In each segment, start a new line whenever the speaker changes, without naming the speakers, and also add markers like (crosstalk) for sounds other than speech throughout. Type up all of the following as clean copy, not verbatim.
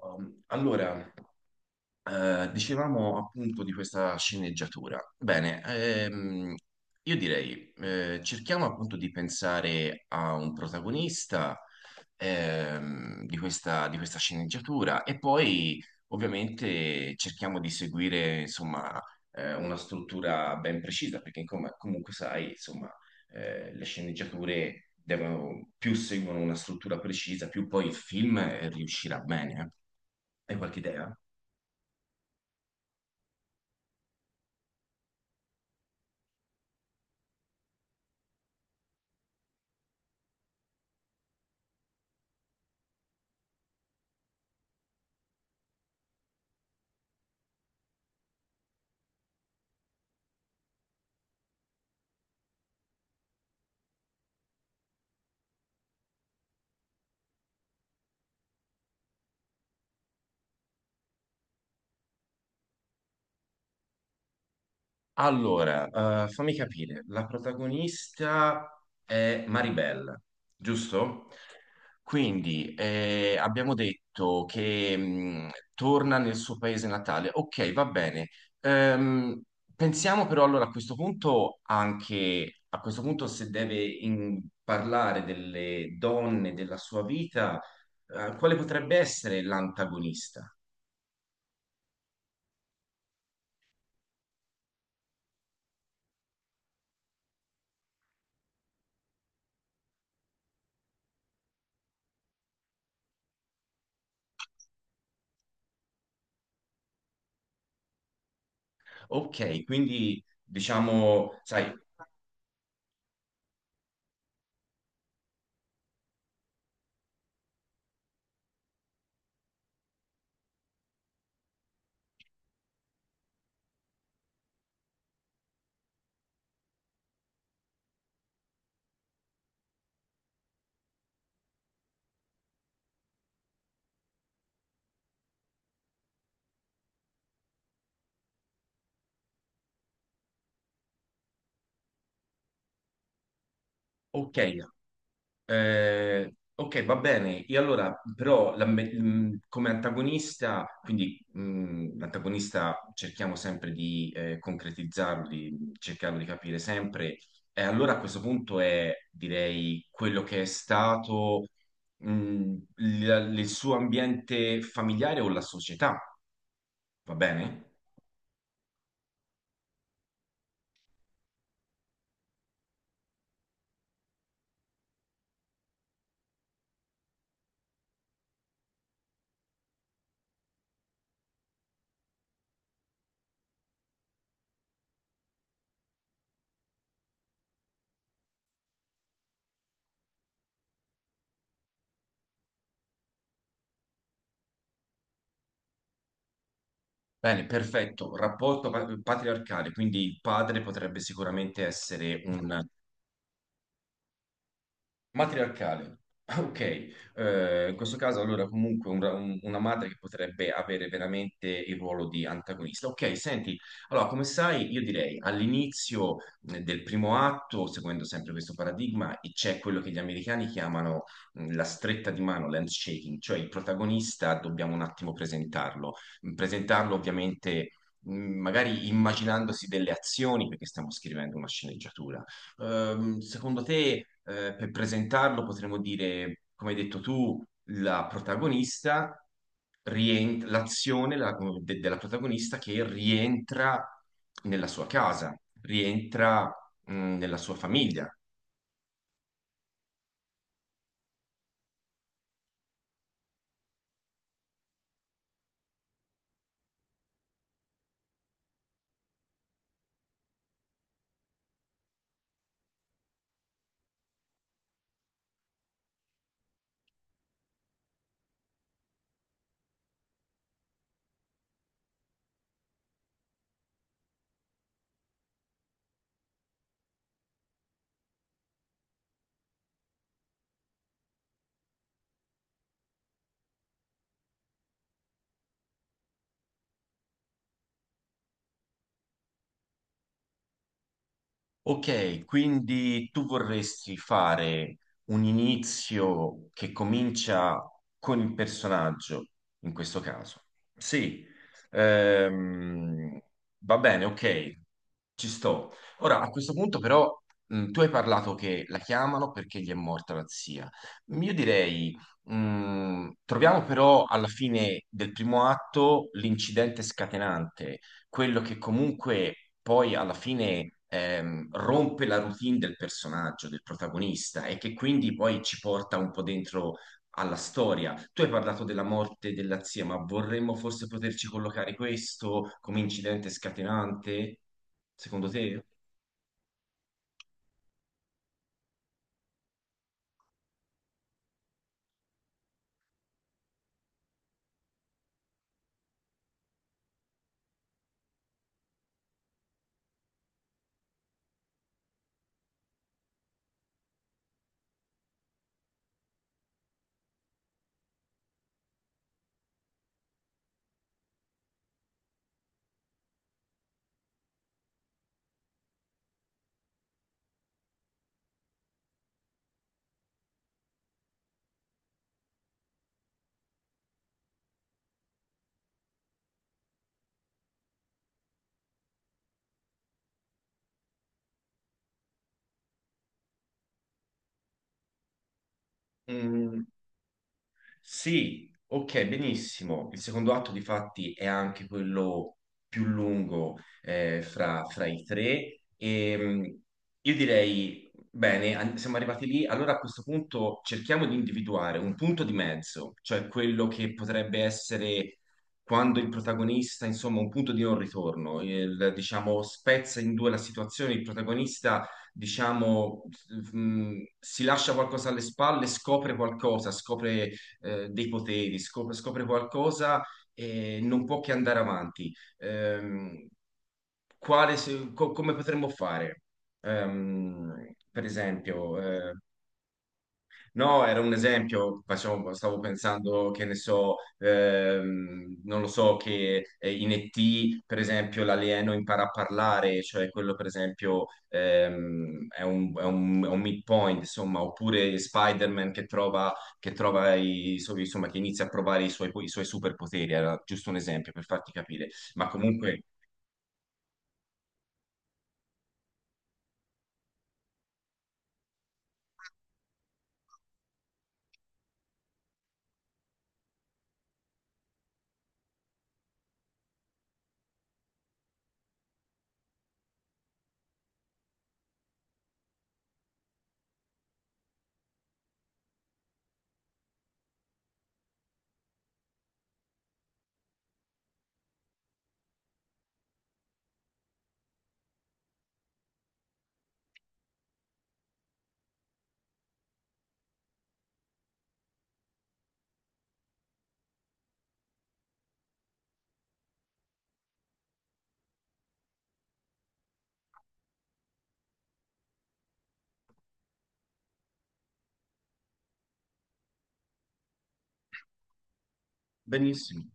Allora, dicevamo appunto di questa sceneggiatura. Bene, io direi, cerchiamo appunto di pensare a un protagonista, di questa sceneggiatura e poi ovviamente cerchiamo di seguire, insomma, una struttura ben precisa, perché comunque sai, insomma, le sceneggiature devono, più seguono una struttura precisa, più poi il film riuscirà bene. Hai qualche idea? Allora, fammi capire, la protagonista è Maribel, giusto? Quindi abbiamo detto che torna nel suo paese natale. Ok, va bene. Ehm, pensiamo però allora a questo punto anche, a questo punto se deve parlare delle donne della sua vita, quale potrebbe essere l'antagonista? Ok, quindi diciamo, sai. Ok, ok, va bene. E allora, però, la come antagonista, quindi l'antagonista cerchiamo sempre di concretizzarlo, di cercarlo di capire sempre. E allora a questo punto è, direi, quello che è stato il suo ambiente familiare o la società, va bene? Bene, perfetto. Rapporto patriarcale, quindi il padre potrebbe sicuramente essere un. Matriarcale. (laughs) Ok, in questo caso allora comunque un una madre che potrebbe avere veramente il ruolo di antagonista. Ok, senti, allora come sai io direi all'inizio del primo atto, seguendo sempre questo paradigma, e c'è quello che gli americani chiamano la stretta di mano, l'handshaking, cioè il protagonista dobbiamo un attimo presentarlo. Presentarlo ovviamente magari immaginandosi delle azioni perché stiamo scrivendo una sceneggiatura, secondo te, per presentarlo, potremmo dire, come hai detto tu, la protagonista rientra, della protagonista che rientra nella sua casa, rientra, nella sua famiglia. Ok, quindi tu vorresti fare un inizio che comincia con il personaggio, in questo caso. Sì, ehm, va bene, ok, ci sto. Ora, a questo punto però, tu hai parlato che la chiamano perché gli è morta la zia. Io direi, troviamo però alla fine del primo atto l'incidente scatenante, quello che comunque poi alla fine rompe la routine del personaggio, del protagonista, e che quindi poi ci porta un po' dentro alla storia. Tu hai parlato della morte della zia, ma vorremmo forse poterci collocare questo come incidente scatenante, secondo te? Mm. Sì, ok, benissimo. Il secondo atto, difatti, è anche quello più lungo fra i tre. E, io direi, bene, siamo arrivati lì. Allora a questo punto cerchiamo di individuare un punto di mezzo, cioè quello che potrebbe essere quando il protagonista, insomma, un punto di non ritorno, il, diciamo, spezza in due la situazione, il protagonista diciamo, mh, si lascia qualcosa alle spalle, scopre qualcosa, scopre dei poteri, scopre qualcosa e non può che andare avanti. Quale come potremmo fare? Per esempio, no, era un esempio, stavo pensando che ne so, non lo so, che in E.T., per esempio, l'alieno impara a parlare, cioè quello per esempio è è un midpoint, insomma, oppure Spider-Man che trova insomma, che inizia a provare i suoi superpoteri, era giusto un esempio per farti capire, ma comunque, benissimo.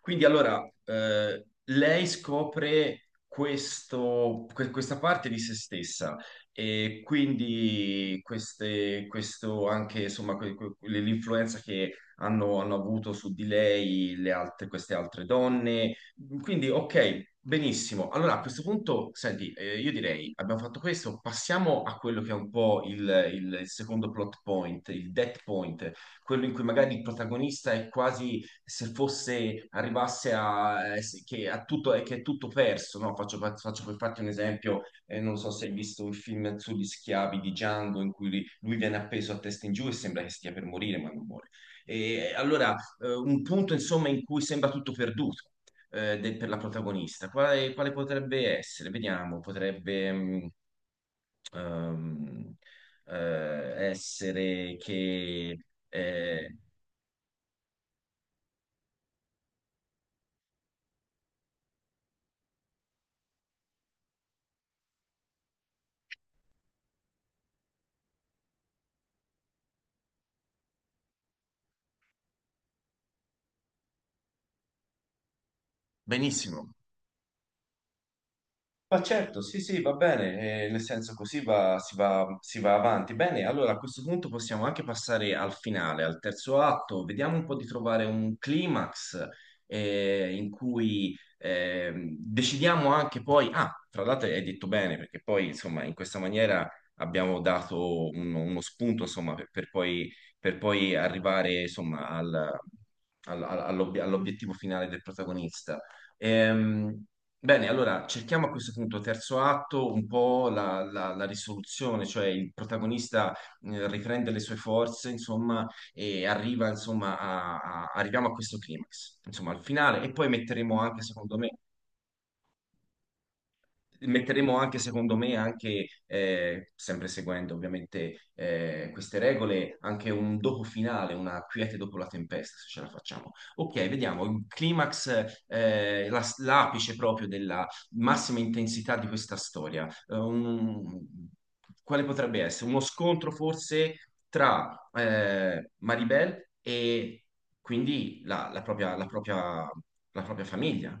Quindi allora lei scopre questa parte di se stessa e quindi questo anche insomma l'influenza che hanno avuto su di lei queste altre donne. Quindi ok, benissimo. Allora a questo punto, senti, io direi abbiamo fatto questo, passiamo a quello che è un po' il secondo plot point, il death point, quello in cui magari il protagonista è quasi se fosse, arrivasse a, a tutto, che è tutto perso, no? Faccio per farti un esempio, non so se hai visto il film sugli schiavi di Django in cui lui viene appeso a testa in giù e sembra che stia per morire, ma non muore. E allora, un punto insomma in cui sembra tutto perduto. Per la protagonista, quale potrebbe essere? Vediamo, potrebbe ehm, essere che eh, benissimo. Ma certo, sì, sì, va bene, nel senso così si va avanti. Bene, allora a questo punto possiamo anche passare al finale, al terzo atto, vediamo un po' di trovare un climax in cui decidiamo anche poi, ah, tra l'altro hai detto bene, perché poi insomma in questa maniera abbiamo dato uno spunto insomma per poi arrivare insomma all'obiettivo finale del protagonista. Ehm, Bene, allora cerchiamo a questo punto, terzo atto, un po' la risoluzione, cioè il protagonista riprende le sue forze, insomma, e arriva, insomma, arriviamo a questo climax, insomma, al finale, e poi metteremo anche, secondo me, metteremo anche, secondo me, anche, sempre seguendo ovviamente queste regole, anche un dopo finale, una quiete dopo la tempesta, se ce la facciamo. Ok, vediamo il climax, l'apice proprio della massima intensità di questa storia. Quale potrebbe essere? Uno scontro forse tra Maribel e quindi la propria famiglia.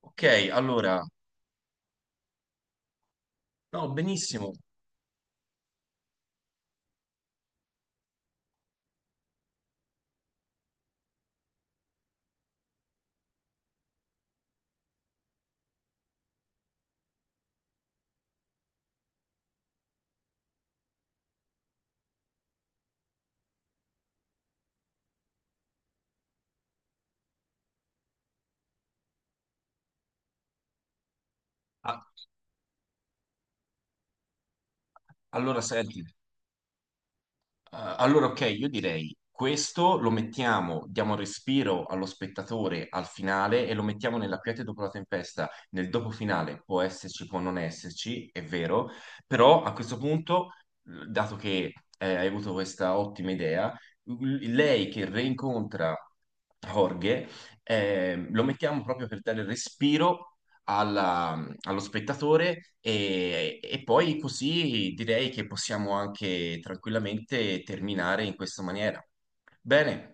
Ok, allora, no, benissimo. Ah, allora, senti, allora ok, io direi questo lo mettiamo, diamo un respiro allo spettatore al finale e lo mettiamo nella quiete dopo la tempesta. Nel dopo finale può esserci, può non esserci, è vero, però a questo punto, dato che hai avuto questa ottima idea, lei che reincontra Jorge, lo mettiamo proprio per dare respiro allo spettatore e poi così direi che possiamo anche tranquillamente terminare in questa maniera. Bene.